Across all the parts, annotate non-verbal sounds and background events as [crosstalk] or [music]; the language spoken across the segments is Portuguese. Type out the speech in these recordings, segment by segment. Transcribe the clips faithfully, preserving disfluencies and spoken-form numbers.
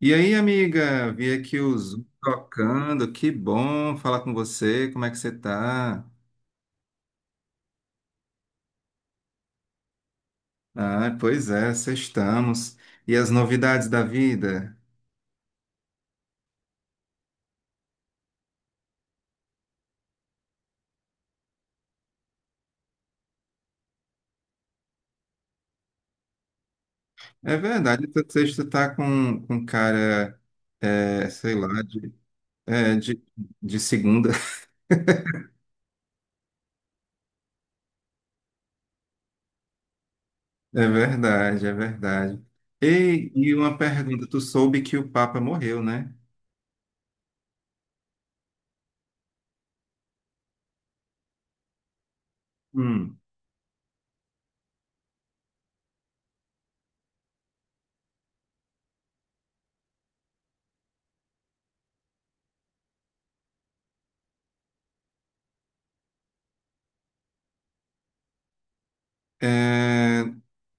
E aí, amiga, vi aqui o Zoom tocando, que bom falar com você, como é que você tá? Ah, pois é, sextamos. E as novidades da vida? É verdade, o sexto tá com, com cara, é, sei lá, de, é, de, de segunda. [laughs] É verdade, é verdade. Ei, e uma pergunta, tu soube que o Papa morreu, né? Hum. É,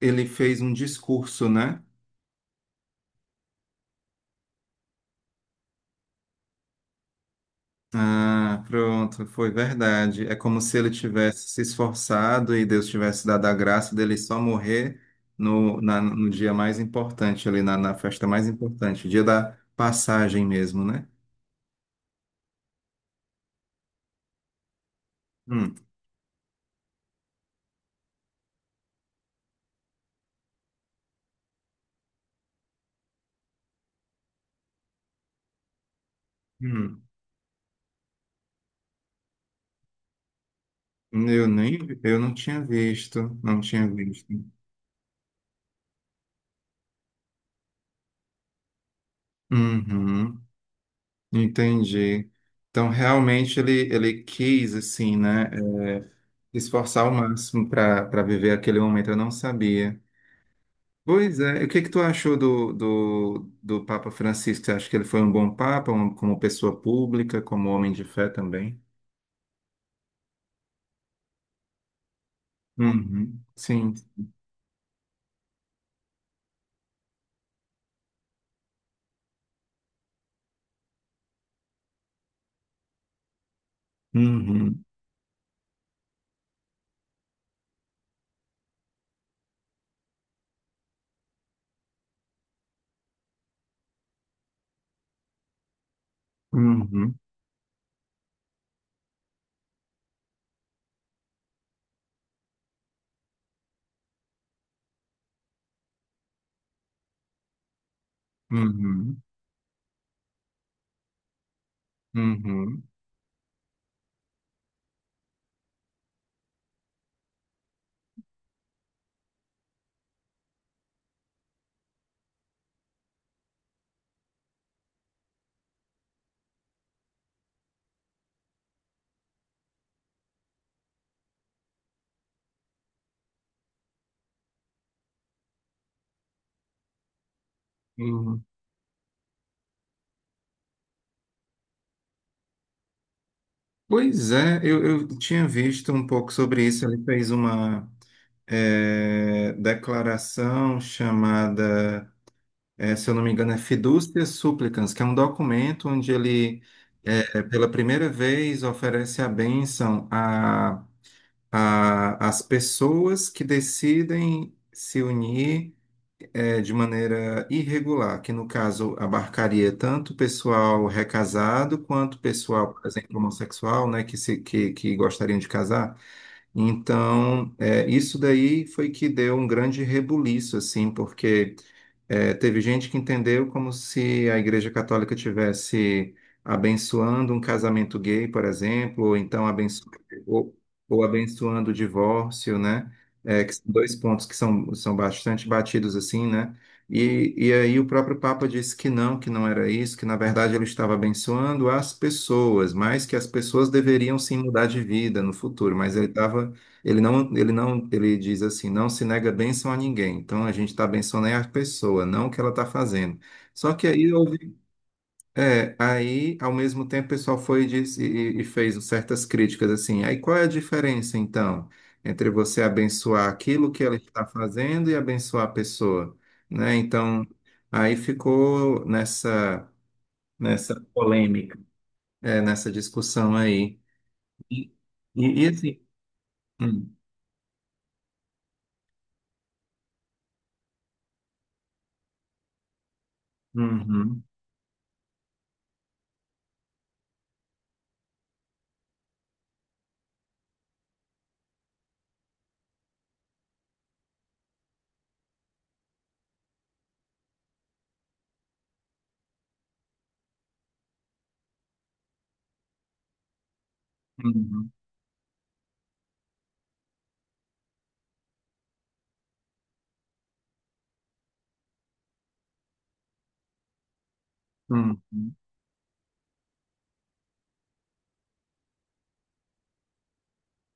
ele fez um discurso, né? Ah, pronto, foi verdade. É como se ele tivesse se esforçado e Deus tivesse dado a graça dele só morrer no, na- no dia mais importante, ali na, na festa mais importante, dia da passagem mesmo, né? Hum, hum. Eu nem, vi- Eu não tinha visto, não tinha visto. Uhum, entendi. Então, realmente, ele, ele quis, assim, né, eh, esforçar o máximo para para viver aquele momento, eu não sabia. Pois é, o que que tu achou do, do, do Papa Francisco? Você acha que ele foi um bom Papa, um- como pessoa pública, como homem de fé também? Uhum, sim. Uhum, uhum, uhum, uhum, uhum. Pois é, eu, eu tinha visto um pouco sobre isso. Ele fez uma eh, declaração chamada, eh, se eu não me engano, é Fiducia Supplicans, que é um documento onde ele, eh, pela primeira vez, oferece a bênção a a- as pessoas que decidem se unir eh, de maneira irregular, que no caso abarcaria tanto o pessoal recasado quanto o pessoal, por exemplo, homossexual, né, que, se, que, que gostariam de casar. Então, é, isso daí foi que deu um grande rebuliço, assim, porque é, teve gente que entendeu como se a Igreja Católica tivesse abençoando um casamento gay, por exemplo, ou então abenço- ou, ou abençoando o divórcio, né? É, que são dois pontos que são, são bastante batidos, assim, né? E, e aí o próprio Papa disse que não, que não era isso, que na verdade ele estava abençoando as pessoas, mas que as pessoas deveriam sim mudar de vida no futuro. Mas ele estava, ele não, ele não, ele diz assim, não se nega bênção a ninguém. Então a gente está abençoando é a pessoa, não o que ela está fazendo. Só que aí houve é, aí, ao mesmo tempo, o pessoal foi e, disse- e- e fez certas críticas assim. Aí, qual é a diferença, então, entre você abençoar aquilo que ela está fazendo e abençoar a pessoa, né? Então, aí ficou nessa nessa polêmica, é, nessa discussão aí. E, e, e assim, hum, uhum, uhum, uhum,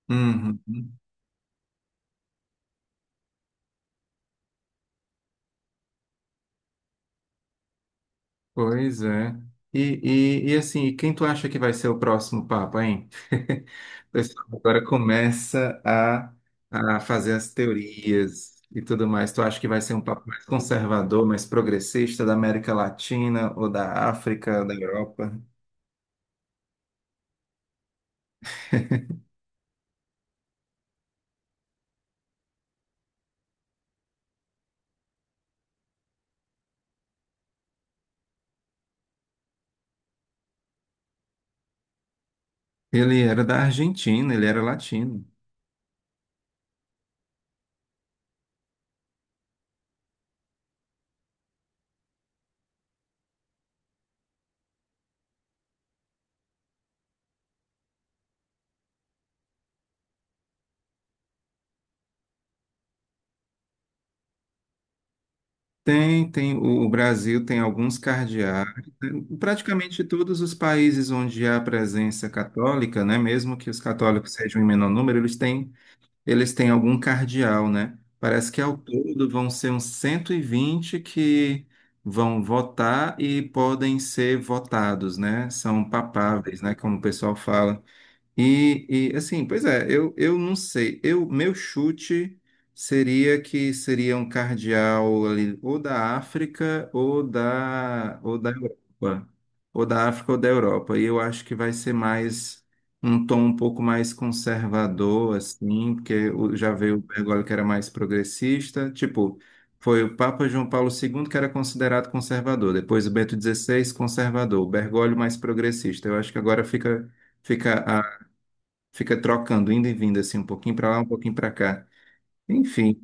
uhum. Pois é. E, e, e assim, e quem tu acha que vai ser o próximo Papa, hein? [laughs] O pessoal agora começa a, a fazer as teorias e tudo mais. Tu acha que vai ser um Papa mais conservador, mais progressista da América Latina ou da África, da Europa? Ele era da Argentina, ele era latino. Tem, tem, o, o Brasil tem alguns cardeais, né? Praticamente todos os países onde há presença católica, né? Mesmo que os católicos sejam em menor número, eles têm eles têm algum cardeal, né? Parece que ao todo vão ser uns cento e vinte que vão votar e podem ser votados, né? São papáveis, né? Como o pessoal fala. E, e, assim, pois é, eu, eu não sei. Eu, meu chute seria que seria um cardeal ali, ou da África ou da, ou da Europa. Ou da África ou da Europa. E eu acho que vai ser mais um tom um pouco mais conservador, assim, porque o- já veio o Bergoglio que era mais progressista. Tipo, foi o Papa João Paulo segundo que era considerado conservador, depois o Bento dezesseis, conservador, o Bergoglio mais progressista. Eu acho que agora fica. Fica fica trocando, indo e vindo, assim, um pouquinho para lá, um pouquinho para cá. Enfim,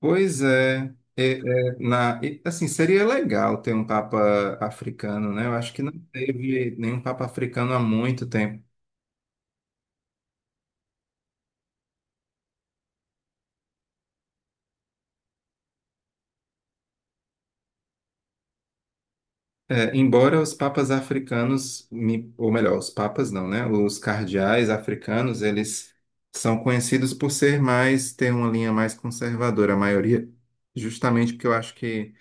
pois é. É, é, na, e, assim, seria legal ter um Papa africano, né? Eu acho que não teve nenhum Papa africano há muito tempo. É, embora os papas africanos, me- ou melhor, os papas não, né? Os cardeais africanos, eles são conhecidos por ser mais, ter uma linha mais conservadora, a maioria, justamente porque eu acho que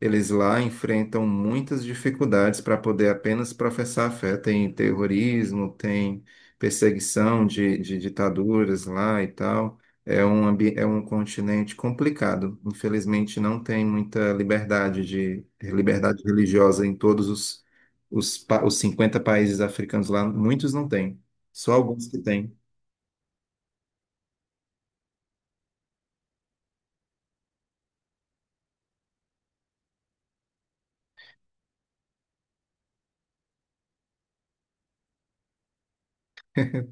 eles lá enfrentam muitas dificuldades para poder apenas professar a fé. Tem terrorismo, tem perseguição de, de ditaduras lá e tal. É um, ambi- é um continente complicado. Infelizmente, não tem muita liberdade de liberdade religiosa em todos os, os, pa- os cinquenta países africanos lá. Muitos não têm, só alguns que têm.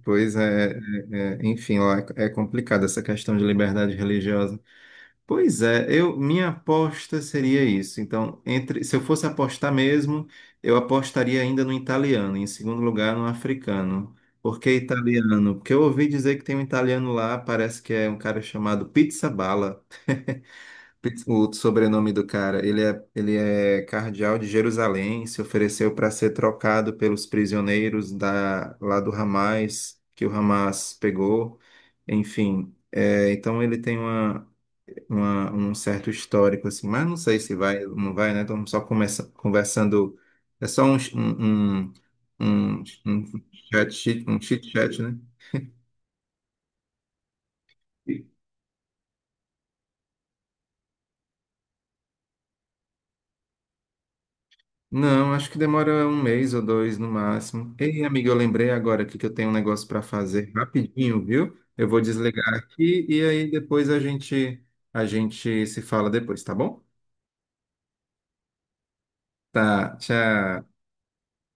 Pois é, é- é- enfim, lá é é complicado essa questão de liberdade religiosa. Pois é, eu, minha aposta seria isso. Então, entre, se eu fosse apostar mesmo, eu apostaria ainda no italiano, e em segundo lugar no africano. Por que italiano? Porque eu ouvi dizer que tem um italiano lá, parece que é um cara chamado Pizzaballa, Pizz- [laughs] o sobrenome do cara. Ele é, ele é cardeal de Jerusalém, se ofereceu para ser trocado pelos prisioneiros da, lá do Hamas, que o Hamas pegou. Enfim, é, então ele tem uma uma- um certo histórico, assim, mas não sei se vai ou não vai, né? Estamos só começa, conversando, é só um, um, um, um, um chat, chit- um chit chat, né? E- Não, acho que demora um mês ou dois no máximo. Ei, amigo, eu lembrei agora aqui que eu tenho um negócio para fazer rapidinho, viu? Eu vou desligar aqui e aí depois a gente a gente se fala depois, tá bom? Tá, tchau.